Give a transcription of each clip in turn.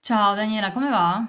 Ciao Daniela, come va?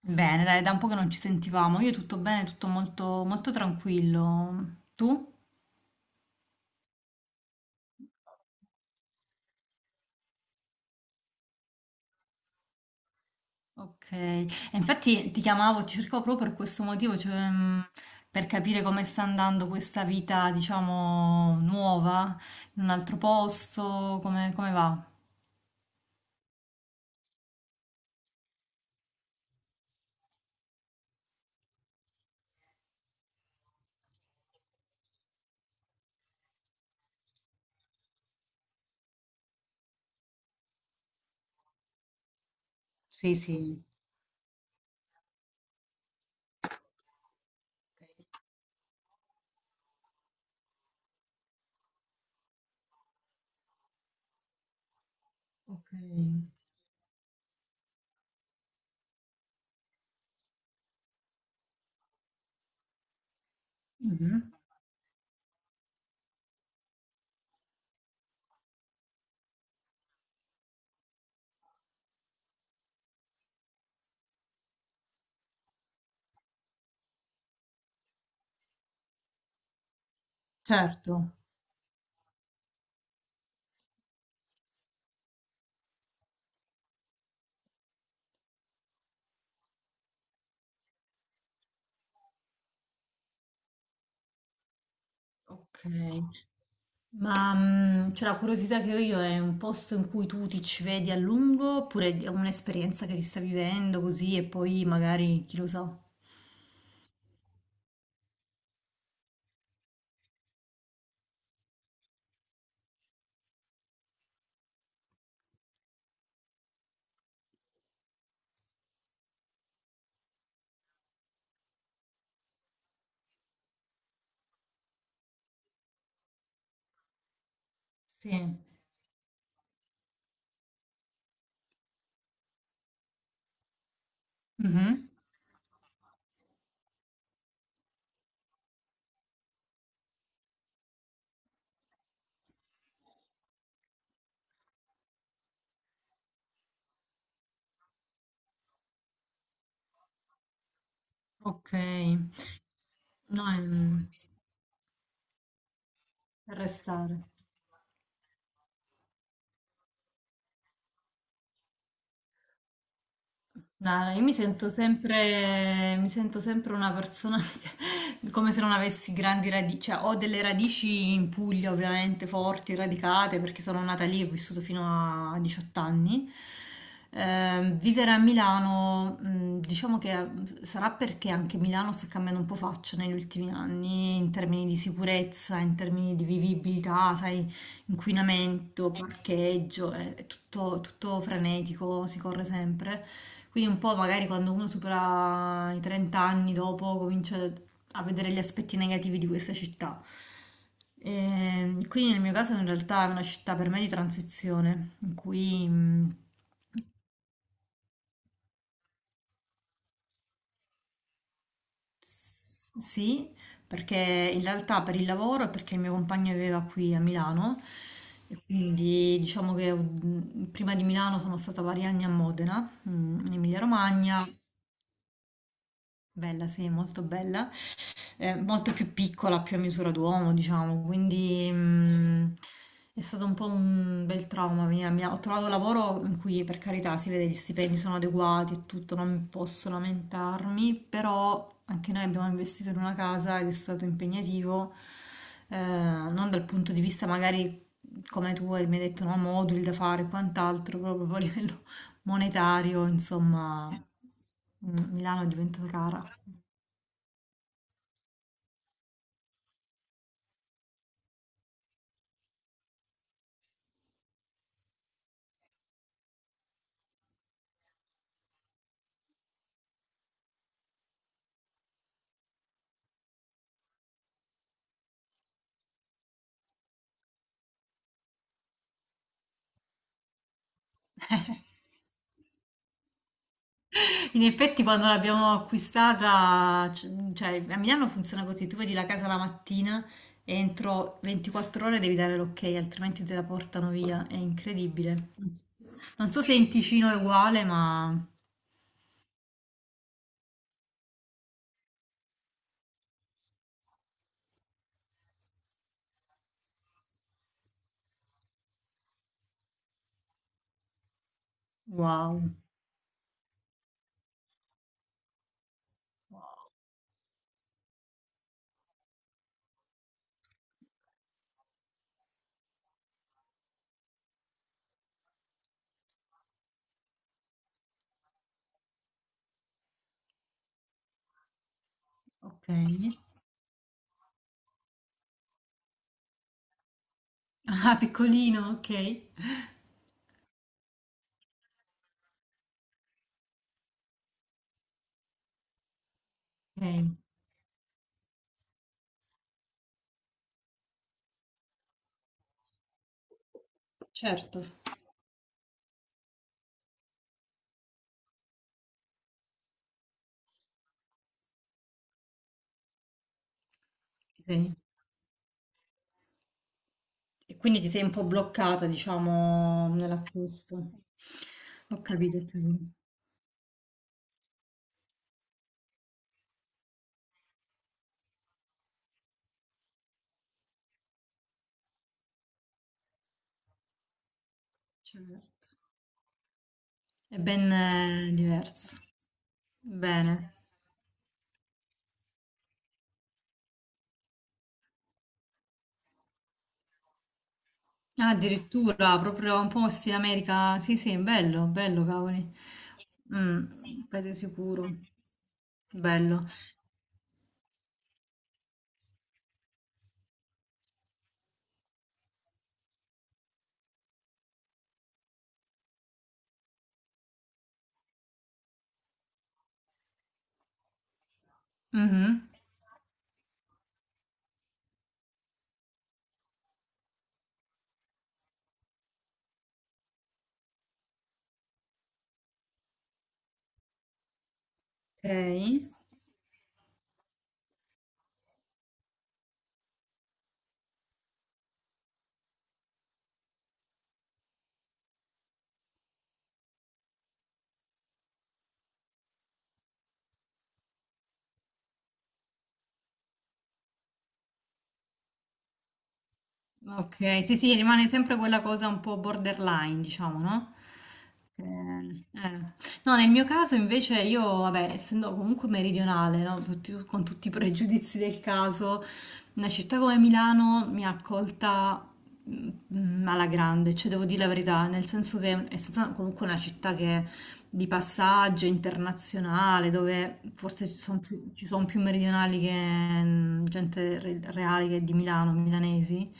Bene, dai, da un po' che non ci sentivamo. Io tutto bene, tutto molto, molto tranquillo. Tu? Ok. E infatti ti chiamavo, ti cercavo proprio per questo motivo, cioè, per capire come sta andando questa vita, diciamo, nuova, in un altro posto, come, come va? Sì, sì. Ok. Mhm. Certo. Ok. Ma cioè, la curiosità che ho io è un posto in cui tu ti ci vedi a lungo oppure è un'esperienza che ti sta vivendo così e poi magari chi lo sa? Sì. Mhm. Ok, no, è per restare. No, no, io mi sento sempre una persona come se non avessi grandi radici, cioè ho delle radici in Puglia ovviamente forti, radicate, perché sono nata lì e ho vissuto fino a 18 anni. Vivere a Milano, diciamo che sarà perché anche Milano sta cambiando un po' faccia negli ultimi anni in termini di sicurezza, in termini di vivibilità, sai, inquinamento, sì, parcheggio, è tutto frenetico, si corre sempre. Quindi un po' magari quando uno supera i 30 anni dopo comincia a vedere gli aspetti negativi di questa città. Quindi nel mio caso in realtà è una città per me di transizione, in cui sì, perché in realtà per il lavoro e perché il mio compagno viveva qui a Milano e quindi diciamo che prima di Milano sono stata vari anni a Modena, in Emilia Romagna, bella sì, molto bella. Molto più piccola, più a misura d'uomo, diciamo, quindi è stato un po' un bel trauma. Venire a Milano. Ho trovato lavoro in cui, per carità, si vede gli stipendi sono adeguati e tutto, non posso lamentarmi, però anche noi abbiamo investito in una casa ed è stato impegnativo, non dal punto di vista magari mi hai detto, no, moduli da fare e quant'altro, proprio a livello monetario, insomma, Milano è diventata cara. In effetti, quando l'abbiamo acquistata, cioè a Milano funziona così: tu vedi la casa la mattina e entro 24 ore devi dare l'ok, altrimenti te la portano via. È incredibile. Non so se in Ticino è uguale, ma wow, ok. Ah, piccolino, ok. Ok, certo. Ti sei- E quindi ti sei un po' bloccata, diciamo, nell'acquisto. Ho capito, ho capito. Certo. È ben diverso. Bene. Ah, addirittura proprio un po' sì, America. Sì, sì, bello, bello, cavoli. Mm, paese sicuro. Bello. Mhm. Ok. Ok, sì, sì, rimane sempre quella cosa un po' borderline, diciamo, no? Eh. No, nel mio caso invece io, vabbè, essendo comunque meridionale, no, con tutti i pregiudizi del caso, una città come Milano mi ha accolta mm, alla grande, cioè devo dire la verità, nel senso che è stata comunque una città che di passaggio internazionale, dove forse ci son più meridionali che gente reale che di Milano, milanesi.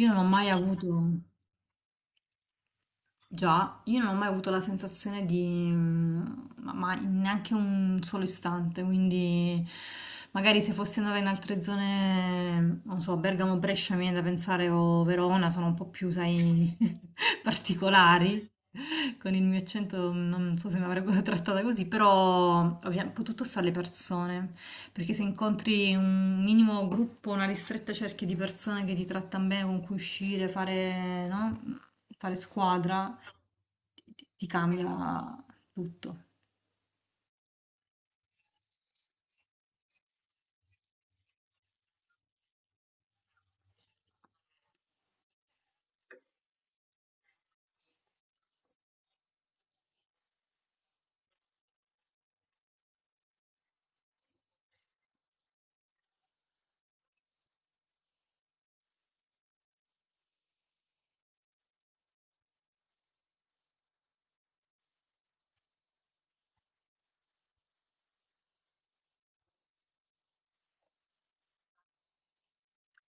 Io non ho mai avuto. Già, io non ho mai avuto la sensazione di, mm, ma in neanche un solo istante, quindi magari se fossi andata in altre zone, non so, Bergamo, Brescia, mi viene da pensare o Verona, sono un po' più, sai, particolari. Con il mio accento non so se mi avrebbero trattata così, però ovviamente poi tutto sta alle persone, perché se incontri un minimo gruppo, una ristretta cerchia di persone che ti trattano bene, con cui uscire, fare, no? Fare squadra, ti cambia tutto.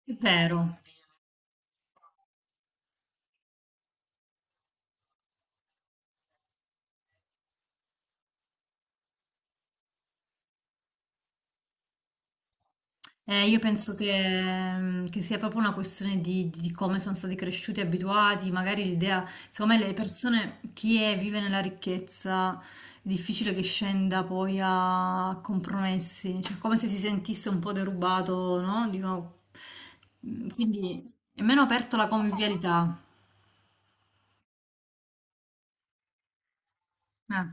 È vero. Io penso che, che sia proprio una questione di come sono stati cresciuti, abituati, magari l'idea, secondo me le persone, chi è, vive nella ricchezza, è difficile che scenda poi a compromessi, cioè come se si sentisse un po' derubato, no? Dico, quindi è meno aperto alla convivialità. Eh.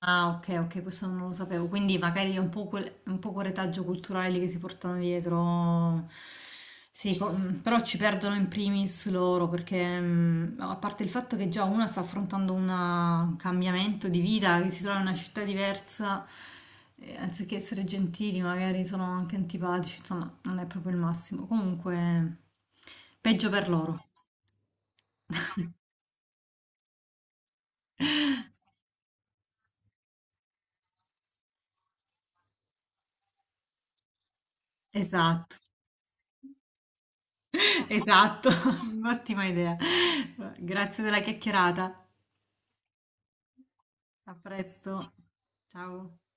Ah, ok, ok, questo non lo sapevo. Quindi magari è un po' quel retaggio culturale lì che si portano dietro. Sì, però ci perdono in primis loro perché, a parte il fatto che già una sta affrontando una- un cambiamento di vita, che si trova in una città diversa, anziché essere gentili, magari sono anche antipatici, insomma, non è proprio il massimo. Comunque, peggio per loro. Esatto. Esatto, ottima idea. Grazie della chiacchierata. A presto. Ciao.